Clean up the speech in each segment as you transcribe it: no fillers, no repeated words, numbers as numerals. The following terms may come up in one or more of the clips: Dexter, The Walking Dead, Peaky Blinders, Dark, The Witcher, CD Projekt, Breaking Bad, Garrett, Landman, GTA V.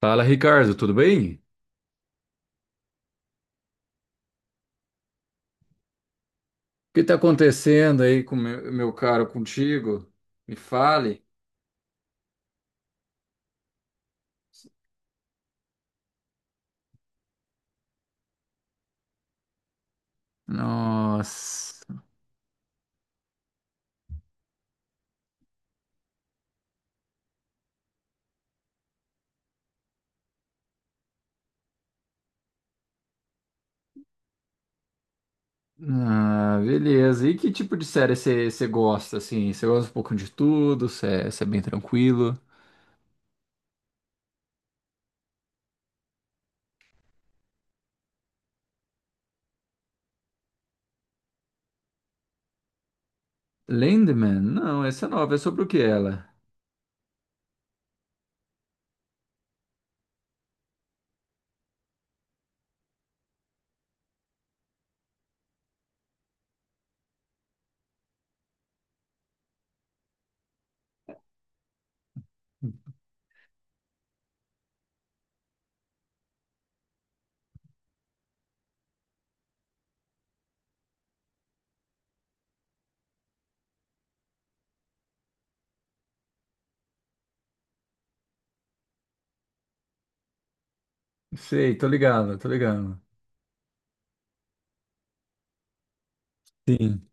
Fala, Ricardo, tudo bem? O que está acontecendo aí com meu caro contigo? Me fale. Nossa, beleza. E que tipo de série você gosta, assim? Você gosta um pouco de tudo? Você é bem tranquilo? Landman? Não, essa é nova. É sobre o que ela? Sei, tô ligado, tô ligado. Sim,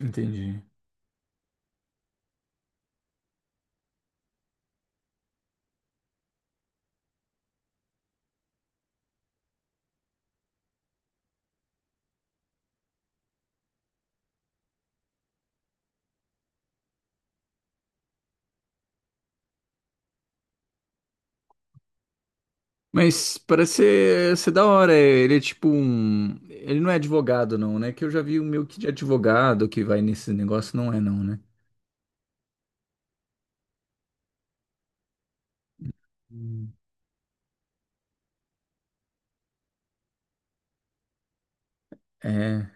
entendi. Mas parece ser, ser da hora. Ele é tipo um. Ele não é advogado, não, né? Que eu já vi um meio que de advogado que vai nesse negócio, não é, não, né? Hum. É.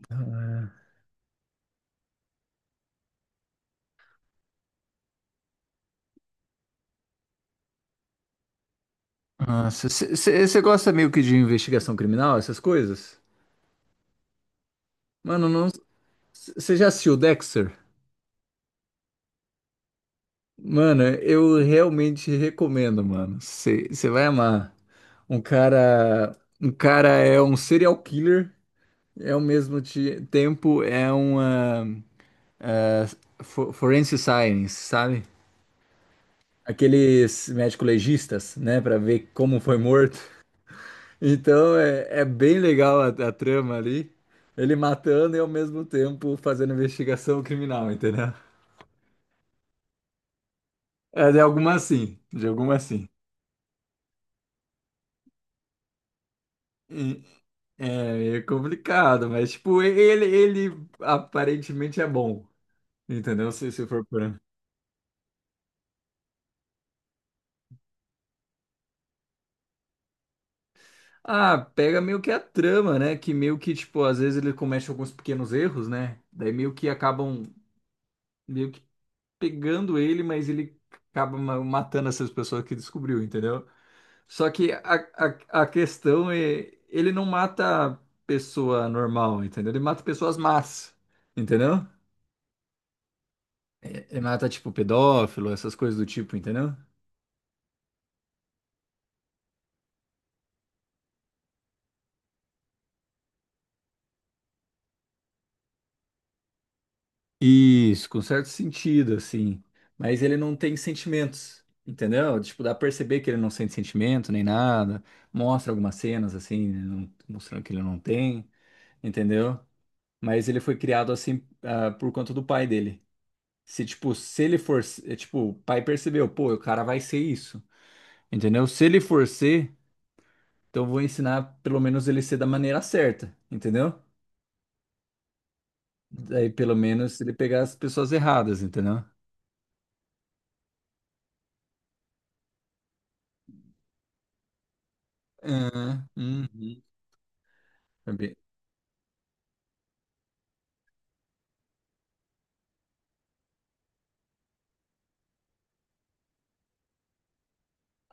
então, é. Você gosta meio que de investigação criminal, essas coisas? Mano, não. Você já assistiu Dexter? Mano, eu realmente recomendo, mano. Você vai amar. Um cara. Um cara é um serial killer, é ao mesmo tempo é uma forensic science, sabe? Aqueles médico-legistas, né, pra ver como foi morto. Então é, é bem legal a trama ali. Ele matando e ao mesmo tempo fazendo investigação criminal, entendeu? É de alguma sim, de alguma sim. E- É, é complicado, mas tipo, ele aparentemente é bom, entendeu? Se for por... Ah, pega meio que a trama, né? Que meio que, tipo, às vezes ele comete alguns pequenos erros, né? Daí meio que acabam meio que pegando ele, mas ele acaba matando essas pessoas que descobriu, entendeu? Só que a questão é, ele não mata pessoa normal, entendeu? Ele mata pessoas más, entendeu? Ele mata, tipo, pedófilo, essas coisas do tipo, entendeu? Isso, com certo sentido, assim. Mas ele não tem sentimentos, entendeu? Tipo, dá pra perceber que ele não sente sentimento nem nada. Mostra algumas cenas, assim, né, mostrando que ele não tem, entendeu? Mas ele foi criado assim, ah, por conta do pai dele. Se, tipo, se ele for, é, tipo, o pai percebeu, pô, o cara vai ser isso, entendeu? Se ele for ser, então eu vou ensinar pelo menos ele ser da maneira certa, entendeu? Daí pelo menos ele pegar as pessoas erradas, entendeu? Aham, uhum. É bem-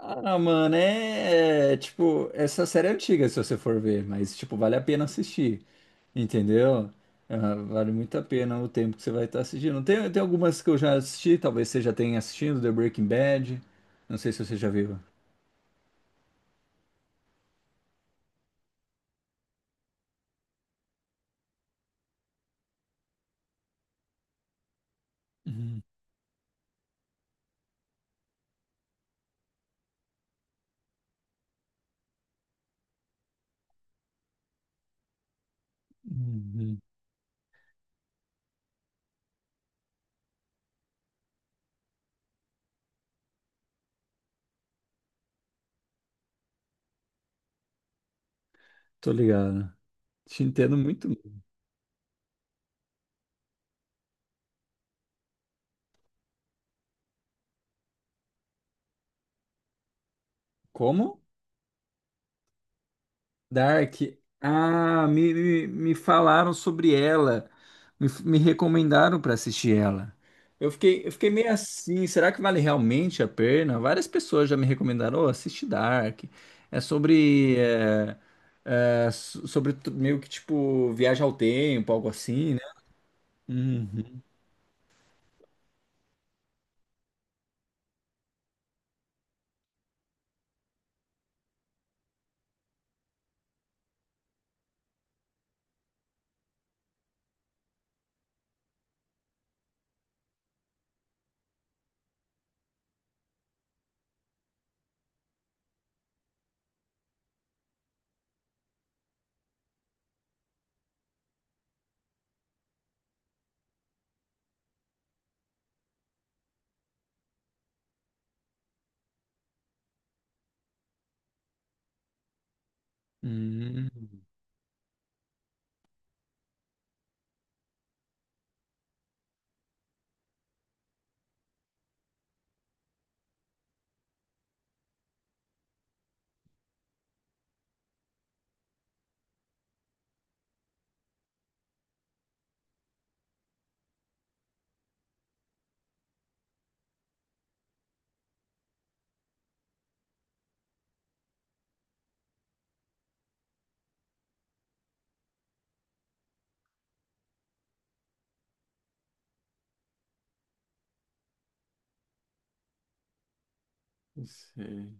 Ah, mano, é, é, tipo, essa série é antiga se você for ver, mas tipo, vale a pena assistir, entendeu? Ah, vale muito a pena o tempo que você vai estar assistindo. Tem, tem algumas que eu já assisti, talvez você já tenha assistido, The Breaking Bad. Não sei se você já viu. Uhum, uhum. Tô ligado. Te entendo muito. Como? Dark. Ah, me falaram sobre ela. Me recomendaram para assistir ela. Eu fiquei meio assim. Será que vale realmente a pena? Várias pessoas já me recomendaram. Oh, assiste Dark. É sobre. É, é, sobre meio que tipo viagem ao tempo, algo assim, né? Uhum. Uhum. Não sei.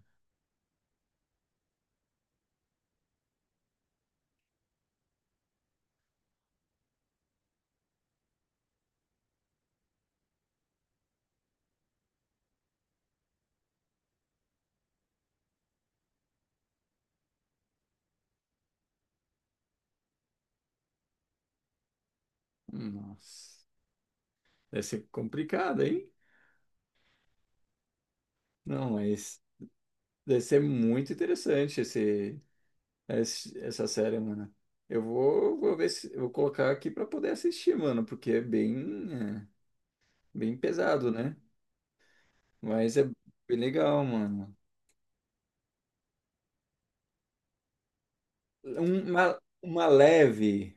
Nossa. Deve ser complicado, hein? Não, mas deve ser muito interessante esse, essa série, mano. Eu vou, vou ver se vou colocar aqui pra poder assistir, mano, porque é, bem pesado, né? Mas é bem legal, mano. Uma leve.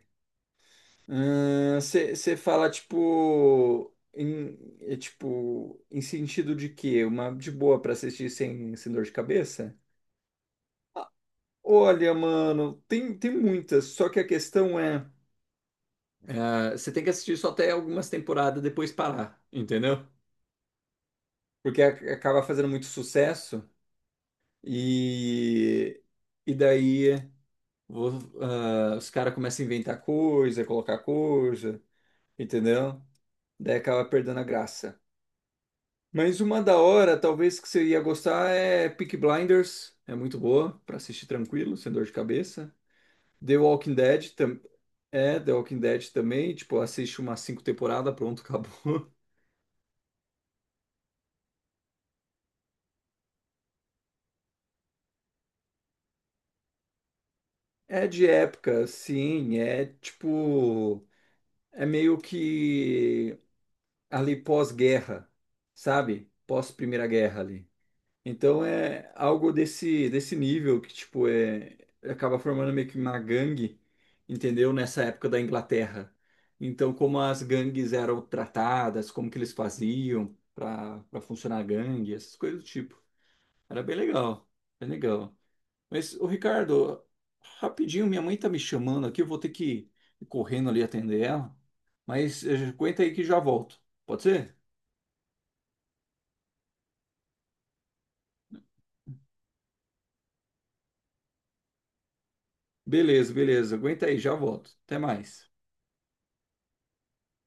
Você fala tipo em, é, tipo em sentido de quê? Uma de boa pra assistir sem, sem dor de cabeça? Olha, mano, tem, tem muitas, só que a questão é... Ah, você tem que assistir só até algumas temporadas depois parar, entendeu? Porque acaba fazendo muito sucesso e, e daí vo- ah, os caras começam a inventar coisa, colocar coisa, entendeu? Daí acaba perdendo a graça. Mas uma da hora, talvez que você ia gostar é Peaky Blinders, é muito boa pra assistir tranquilo, sem dor de cabeça. The Walking Dead também, é The Walking Dead também, tipo, assiste umas 5 temporadas, pronto, acabou. É de época, sim, é tipo, é meio que ali pós-guerra, sabe? Pós-Primeira Guerra ali. Então é algo desse desse nível que tipo é acaba formando meio que uma gangue, entendeu? Nessa época da Inglaterra. Então como as gangues eram tratadas, como que eles faziam para para funcionar a gangue, essas coisas do tipo. Era bem legal, bem legal. Mas, ô Ricardo, rapidinho, minha mãe tá me chamando aqui, eu vou ter que ir correndo ali atender ela. Mas aguenta aí que já volto. Pode ser? Beleza, beleza. Aguenta aí, já volto. Até mais.